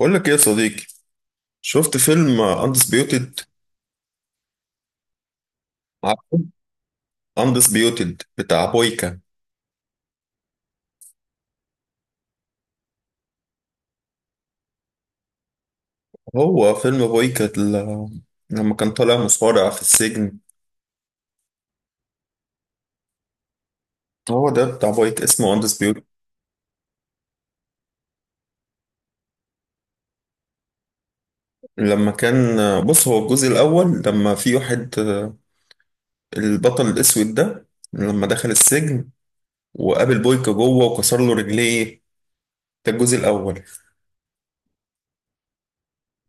بقول لك ايه يا صديقي. شفت فيلم اندسبيوتد؟ عارفه. اندسبيوتد بتاع بويكا. هو فيلم بويكا لما كان طالع مصارع في السجن. هو ده بتاع بويكا اسمه اندسبيوتد. لما كان بص، هو الجزء الاول. لما في واحد، البطل الاسود ده، لما دخل السجن وقابل بويكا جوه وكسر له رجليه. ده الجزء الاول.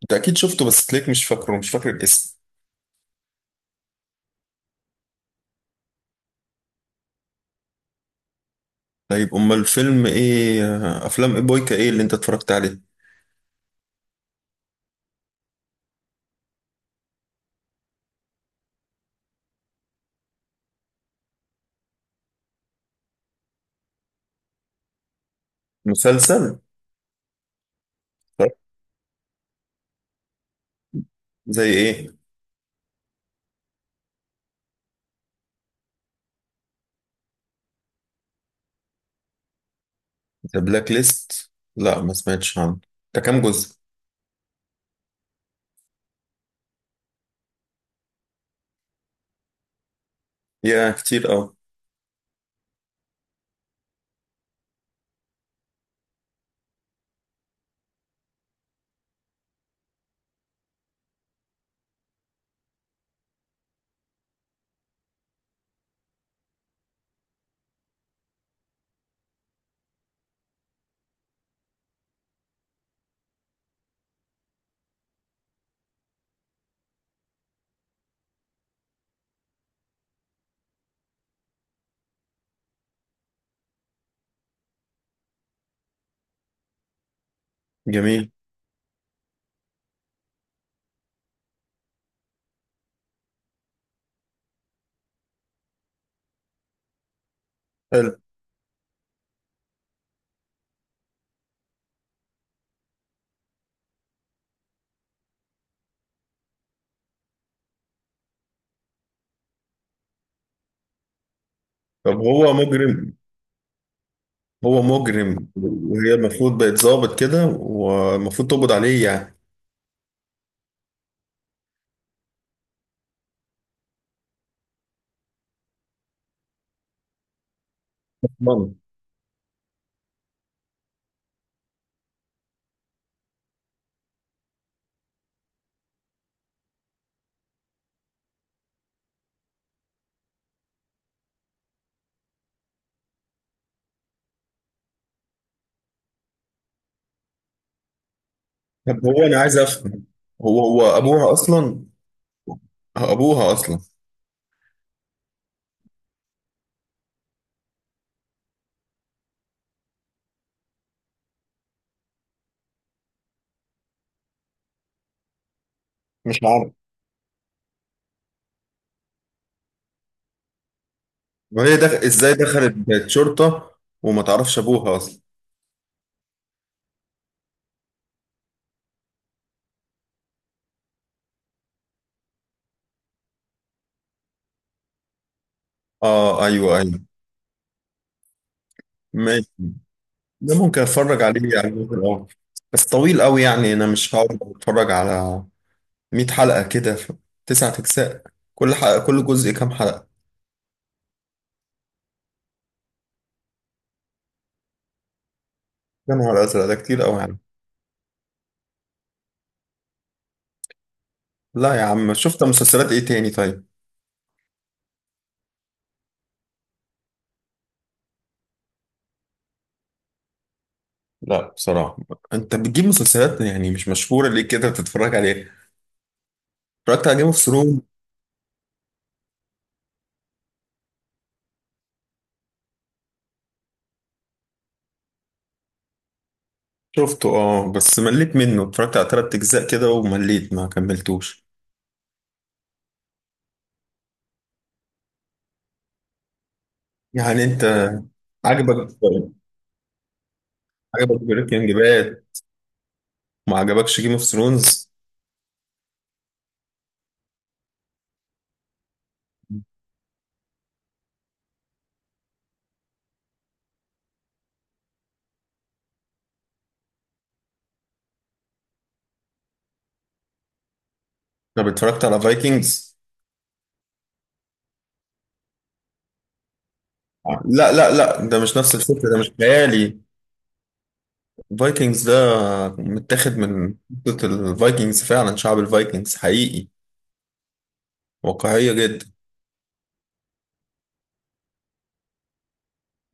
انت اكيد شفته بس تلاقيك مش فاكر الاسم. طيب، امال الفيلم ايه، افلام إيه بويكا ايه اللي انت اتفرجت عليه؟ مسلسل؟ طب زي ايه؟ ذا بلاك ليست؟ لا، ما سمعتش عنه. ده كام جزء؟ يا كتير قوي. جميل. حلو. طب هو مجرم؟ هو مجرم وهي المفروض بقت ظابط كده والمفروض تقبض عليه يعني. طبعاً. طب هو، انا عايز افهم، هو ابوها اصلا؟ ابوها اصلا. تعرف. وهي ازاي دخلت بقت شرطة وما تعرفش ابوها اصلا؟ اه، ايوه، ايوه. ماشي. ده ممكن اتفرج عليه يعني، ممكن، اه. بس طويل قوي يعني، انا مش هقعد اتفرج على 100 حلقة كده في تسعة اجزاء. كل جزء كام حلقة؟ يا نهار ازرق، ده كتير قوي يعني. لا يا عم، شفت مسلسلات ايه تاني طيب؟ لا بصراحة. انت بتجيب مسلسلات يعني مش مشهورة، ليه كده بتتفرج عليها؟ اتفرجت على جيم اوف ثرونز؟ شفته، اه، بس مليت منه، اتفرجت على تلات اجزاء كده ومليت ما كملتوش. يعني انت عجبك؟ عجبك بريكنج باد؟ ما عجبكش جيم اوف ثرونز؟ طب اتفرجت على فايكنجز؟ لا، لا، لا، ده مش نفس الفكرة، ده مش خيالي. فايكنجز ده متاخد من قصة الفايكنجز فعلا، شعب الفايكنجز حقيقي. واقعية جدا.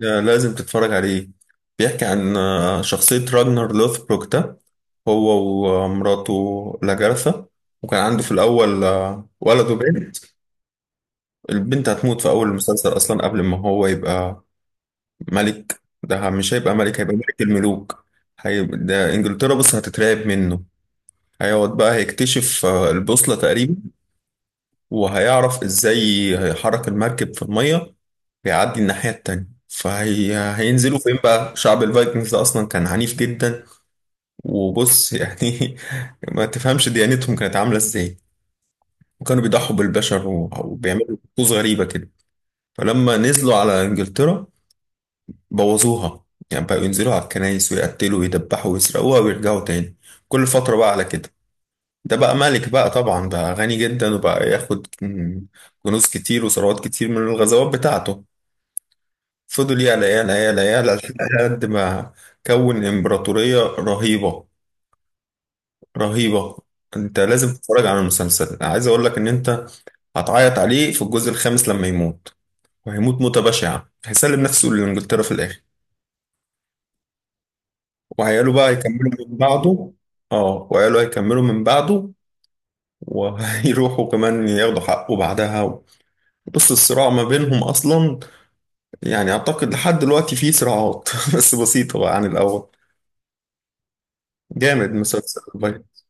ده لازم تتفرج عليه. بيحكي عن شخصية راجنر لوثبروك ده. هو ومراته لاجارثا. وكان عنده في الأول ولد وبنت. البنت هتموت في أول المسلسل أصلا قبل ما هو يبقى ملك. ده مش هيبقى ملك، هيبقى ملك الملوك. هيبقى ده إنجلترا بس هتترعب منه. هيقعد بقى هيكتشف البوصلة تقريبا. وهيعرف ازاي هيحرك المركب في المية ويعدي الناحية التانية، فهي هينزلوا فين بقى. شعب الفايكنجز ده اصلا كان عنيف جدا. وبص يعني ما تفهمش ديانتهم كانت عاملة ازاي. وكانوا بيضحوا بالبشر وبيعملوا طقوس غريبة كده. فلما نزلوا على انجلترا بوظوها. يعني بقوا ينزلوا على الكنايس ويقتلوا ويدبحوا ويسرقوها ويرجعوا تاني، كل فترة بقى على كده. ده بقى ملك بقى، طبعا بقى غني جدا وبقى ياخد كنوز كتير وثروات كتير من الغزوات بتاعته. فضل يعلى يعلى يعلى يعلى لحد ما كون إمبراطورية رهيبة، رهيبة. انت لازم تتفرج على المسلسل، عايز اقول لك ان انت هتعيط عليه في الجزء الخامس لما يموت. وهيموت موتة بشعة، هيسلم نفسه لإنجلترا في الآخر. وعياله بقى هيكملوا من بعده. اه، وعياله هيكملوا من بعده وهيروحوا كمان ياخدوا حقه بعدها. بص، الصراع ما بينهم أصلا يعني، اعتقد لحد دلوقتي في صراعات بس بسيطة بقى عن الاول. جامد مسلسل البايت.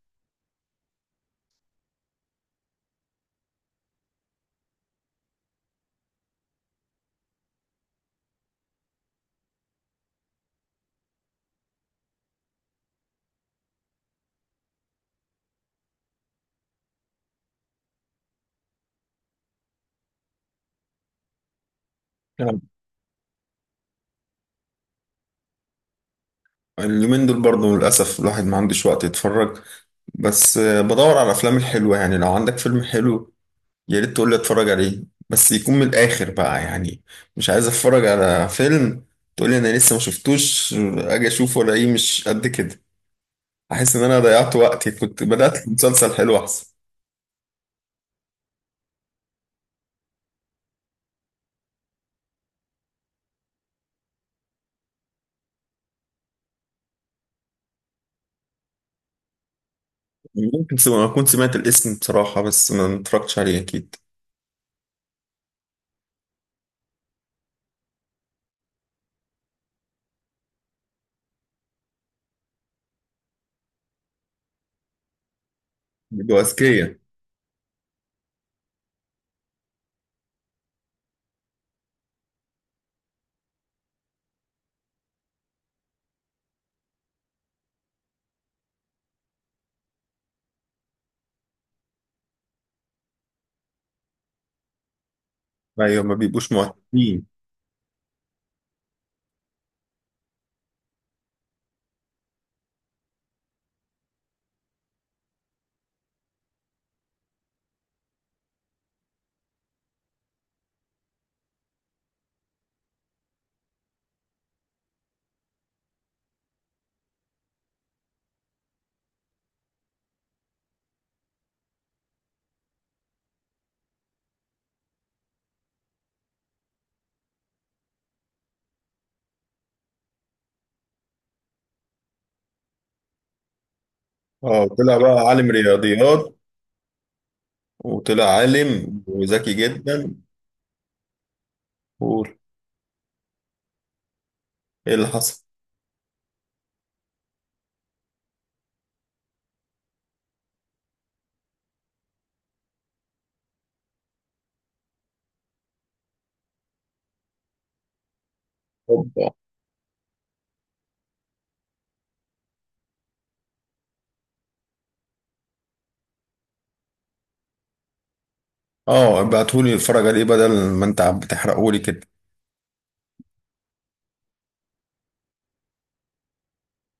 يعني اليومين دول برضه للأسف الواحد ما عندوش وقت يتفرج. بس بدور على الأفلام الحلوة يعني، لو عندك فيلم حلو يا ريت تقول لي اتفرج عليه. بس يكون من الآخر بقى يعني. مش عايز اتفرج على فيلم تقول لي أنا لسه ما شفتوش، أجي أشوفه ألاقيه مش قد كده. أحس إن أنا ضيعت وقتي، كنت بدأت مسلسل حلو أحسن. ممكن أكون سمعت الاسم بصراحة بس ما اتفرجتش عليه أكيد. أذكية. ايوه، ما بيبقوش مهتمين. اه طلع بقى عالم رياضيات. وطلع عالم وذكي جدا. قول. ايه اللي حصل؟ اوبا. اه، ابعتهولي اتفرج عليه بدل ما انت عم بتحرقهولي كده.